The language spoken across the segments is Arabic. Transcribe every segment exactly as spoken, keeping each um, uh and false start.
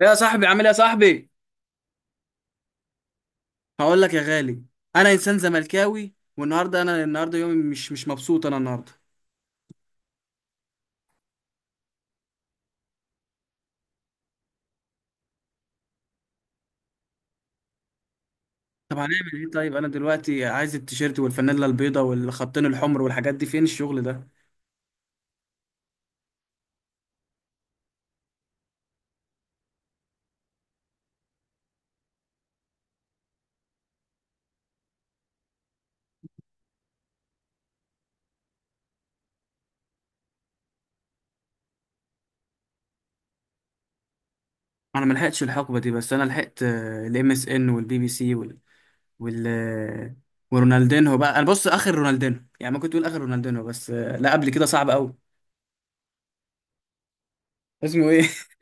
يا صاحبي، عامل ايه يا صاحبي؟ هقول لك يا غالي. انا انسان زملكاوي والنهارده، انا النهارده يومي مش مش مبسوط انا النهارده. طب هنعمل ايه؟ طيب انا دلوقتي عايز التيشيرت والفانيلا البيضاء والخطين الحمر والحاجات دي، فين الشغل ده؟ انا ما لحقتش الحقبه دي، بس انا لحقت الام اس ان والبي بي سي وال وال آه، ورونالدينهو بقى. انا بص، اخر رونالدينهو يعني، ممكن تقول اخر رونالدينهو، بس آه، لا قبل كده صعب قوي. اسمه ايه؟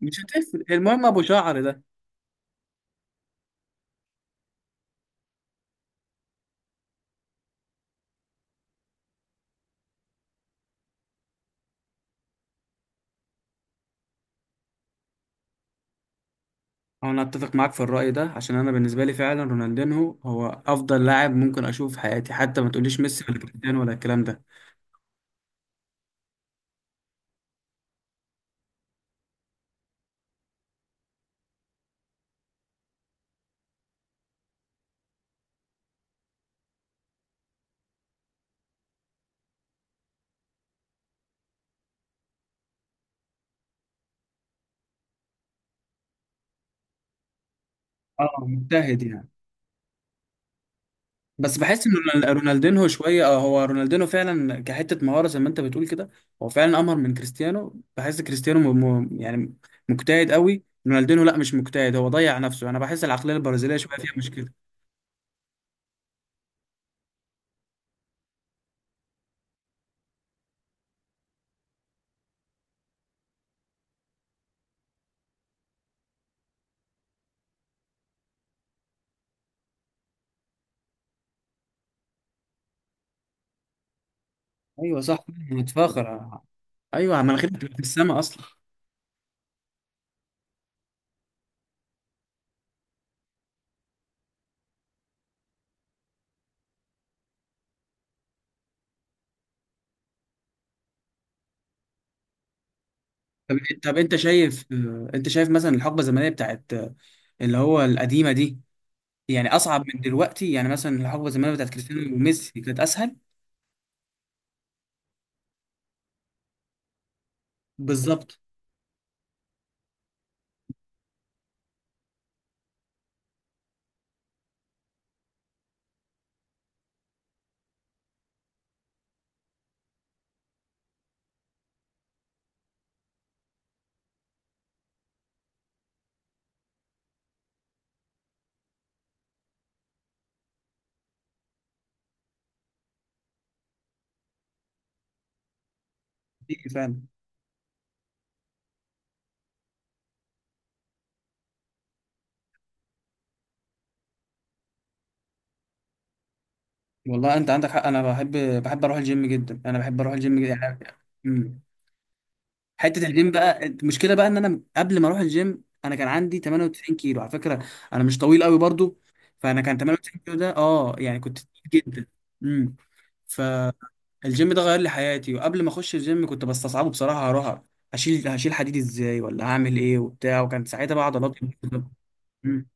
مش هتفرق، المهم ابو شعر ده. هو انا اتفق معاك في الرأي ده، عشان انا بالنسبة لي فعلا رونالدينهو هو افضل لاعب ممكن اشوفه في حياتي، حتى ما تقوليش ميسي ولا كريستيانو ولا الكلام ده. اه مجتهد يعني، بس بحس ان رونال- رونالدينهو شوية اه، هو رونالدينهو فعلا كحتة مهارة زي ما انت بتقول كده. هو فعلا امهر من كريستيانو، بحس كريستيانو م... م... يعني مجتهد قوي. رونالدينهو لا مش مجتهد، هو ضيع نفسه. انا بحس العقلية البرازيلية شوية فيها مشكلة. ايوه صح، انا متفاخر. ايوه مناخيرك بتبقى في السما اصلا. طب إيه- طب انت شايف، آه، انت شايف مثلا الحقبه الزمنيه بتاعت آه، اللي هو القديمه دي، يعني اصعب من دلوقتي؟ يعني مثلا الحقبه الزمنيه بتاعت كريستيانو وميسي كانت اسهل. بالظبط، دي فعلا. والله انت عندك حق، انا بحب. بحب اروح الجيم جدا، انا بحب اروح الجيم جدا يعني. مم. حته الجيم بقى، المشكله بقى ان انا قبل ما اروح الجيم انا كان عندي ثمانية وتسعين كيلو على فكره. انا مش طويل قوي برضو، فانا كان ثمانية وتسعين كيلو ده، اه يعني كنت تقيل جدا. امم ف الجيم ده غير لي حياتي. وقبل ما اخش الجيم كنت بستصعبه بصراحه، هروح هشيل هشيل حديد ازاي، ولا هعمل ايه وبتاع، وكان ساعتها بقى عضلات. مم.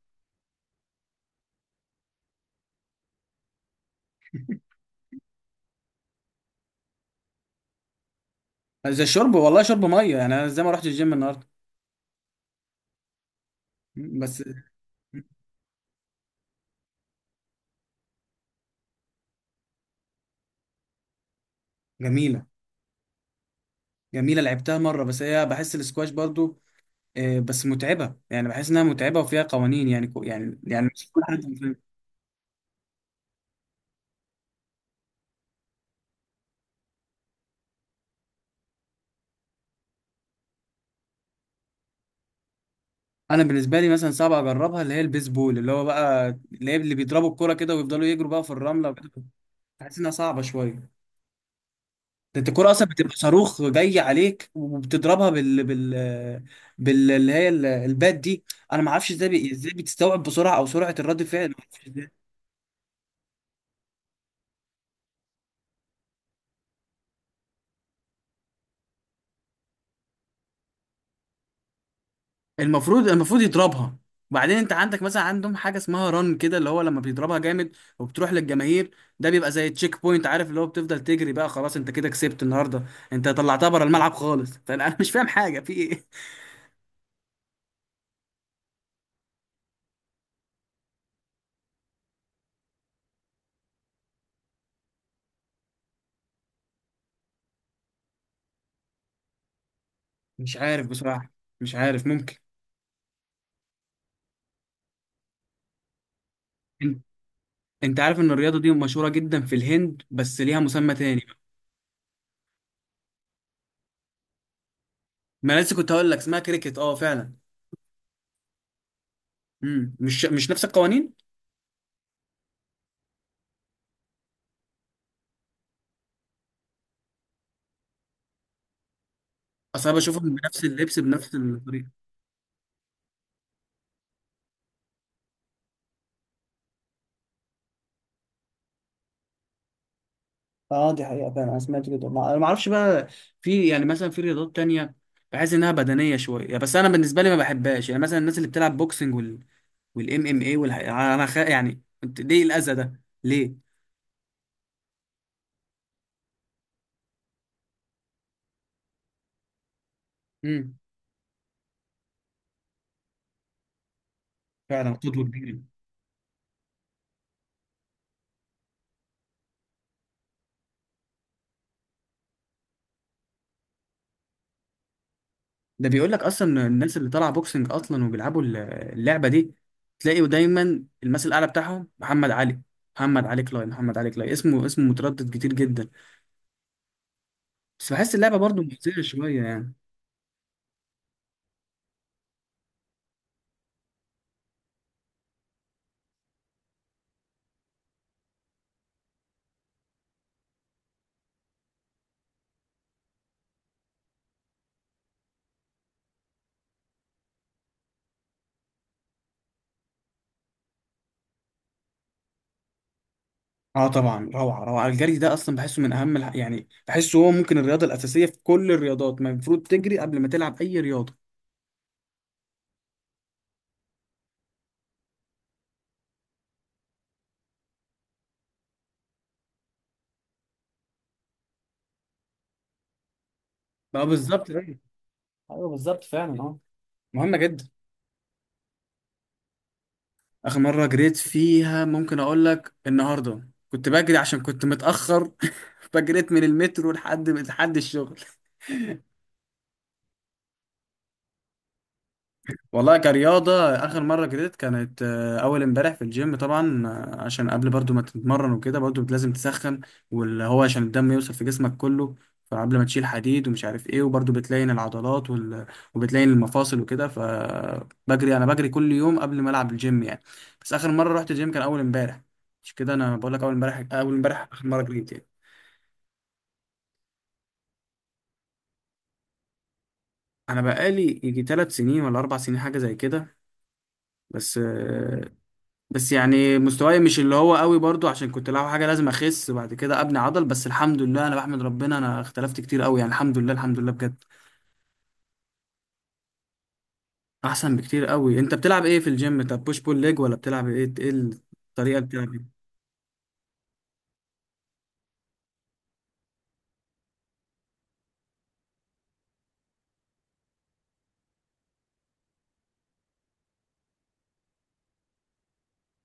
زي الشرب، والله شرب ميه. يعني انا زي ما رحت الجيم النهارده. مم، بس. مم. جميله. جميله، لعبتها مره، بس هي بحس الاسكواش برضو آه، بس متعبه، يعني بحس انها متعبه وفيها قوانين، يعني كو- يعني يعني مش كل حد بيفهم. انا بالنسبه لي مثلا صعب اجربها اللي هي البيسبول، اللي هو بقى اللي هي اللي بيضربوا الكوره كده ويفضلوا يجروا بقى في الرمله وكده. بحس انها صعبه شويه. ده انت الكرة اصلا بتبقى صاروخ جاي عليك، وبتضربها بال بال بال اللي هي ال- البات دي. انا ما اعرفش ازاي بي- ازاي بتستوعب بسرعة، او سرعة الرد فعل، ما اعرفش ازاي. المفروض المفروض يضربها. وبعدين انت عندك مثلا، عندهم حاجة اسمها رن كده، اللي هو لما بيضربها جامد وبتروح للجماهير، ده بيبقى زي تشيك بوينت. عارف اللي هو بتفضل تجري بقى، خلاص انت كده كسبت النهاردة، انت طلعتها بره الملعب خالص. فانا انا مش فاهم حاجة في ايه. مش عارف بصراحة. مش عارف، ممكن. انت عارف ان الرياضه دي مشهوره جدا في الهند، بس ليها مسمى تاني بقى. ما أنا لسه كنت هقول لك اسمها كريكت، اه فعلا. امم، مش مش نفس القوانين. اصل انا بشوفهم بنفس اللبس بنفس الطريقه. اه دي حقيقة فعلا، انا سمعت كده، ما- انا ما اعرفش بقى. في يعني مثلا في رياضات تانية بحس انها بدنيه شويه، بس انا بالنسبه لي ما بحبهاش. يعني مثلا الناس اللي بتلعب بوكسنج وال والام ام اي والح... انا خ... يعني انت- ليه الاذى ده ليه؟ امم. فعلا خطوه كبيره. ده بيقول لك اصلا الناس اللي طالعه بوكسنج اصلا وبيلعبوا ال- اللعبه دي، تلاقي دايما المثل الاعلى بتاعهم محمد علي. محمد علي كلاي، محمد علي كلاي، اسمه اسمه متردد كتير جدا. بس بحس اللعبه برضو محزنه شويه يعني. اه طبعا، روعه روعه. الجري ده اصلا بحسه من اهم الح... يعني بحسه هو ممكن الرياضه الاساسيه في كل الرياضات. ما المفروض تجري قبل ما تلعب اي رياضه. بقى بالظبط، ايوه. ايوه بالظبط فعلا، اه. مهمه جدا. اخر مره جريت فيها، ممكن اقول لك النهارده كنت بجري عشان كنت متاخر. فجريت من المترو لحد لحد الشغل. والله كرياضة، آخر مرة جريت كانت آه، أول امبارح في الجيم طبعا، آه، عشان قبل برضو ما تتمرن وكده برضو لازم تسخن، واللي هو عشان الدم يوصل في جسمك كله، فقبل ما تشيل حديد ومش عارف ايه، وبرضو بتلين العضلات وال... وبتلين المفاصل وكده. فبجري، أنا بجري كل يوم قبل ما ألعب الجيم يعني. بس آخر مرة رحت الجيم كان أول امبارح. مش كده، أنا بقول لك أول امبارح، أول امبارح آخر مرة جريت يعني. أنا بقالي يجي تلات سنين ولا أربع سنين حاجة زي كده، بس آه، بس يعني مستواي مش اللي هو قوي برضو، عشان كنت لعب حاجه لازم اخس بعد كده ابني عضل، بس الحمد لله انا بحمد ربنا انا اختلفت كتير قوي يعني، الحمد لله الحمد لله بجد. احسن بكتير قوي. انت بتلعب ايه في الجيم؟ طب بوش بول ليج، ولا بتلعب ايه؟ ايه الطريقه اللي بتلعب بيها؟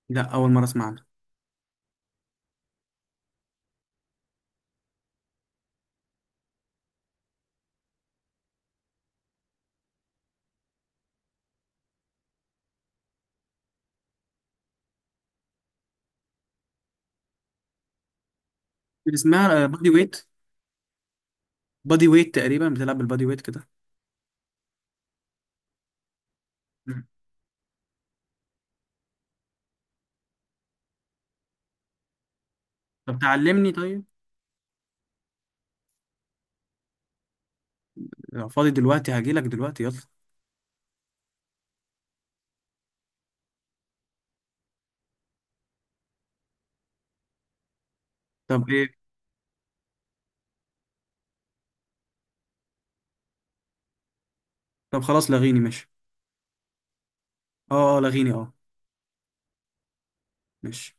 لا اول مره اسمع عنها. اسمها بادي ويت. بادي ويت، تقريبا بتلعب بالبادي ويت كده. مم. طب تعلمني طيب. لو فاضي دلوقتي هجيلك دلوقتي، يلا. طب ايه؟ طب خلاص، لغيني ماشي. اه اه، لغيني اه. ماشي.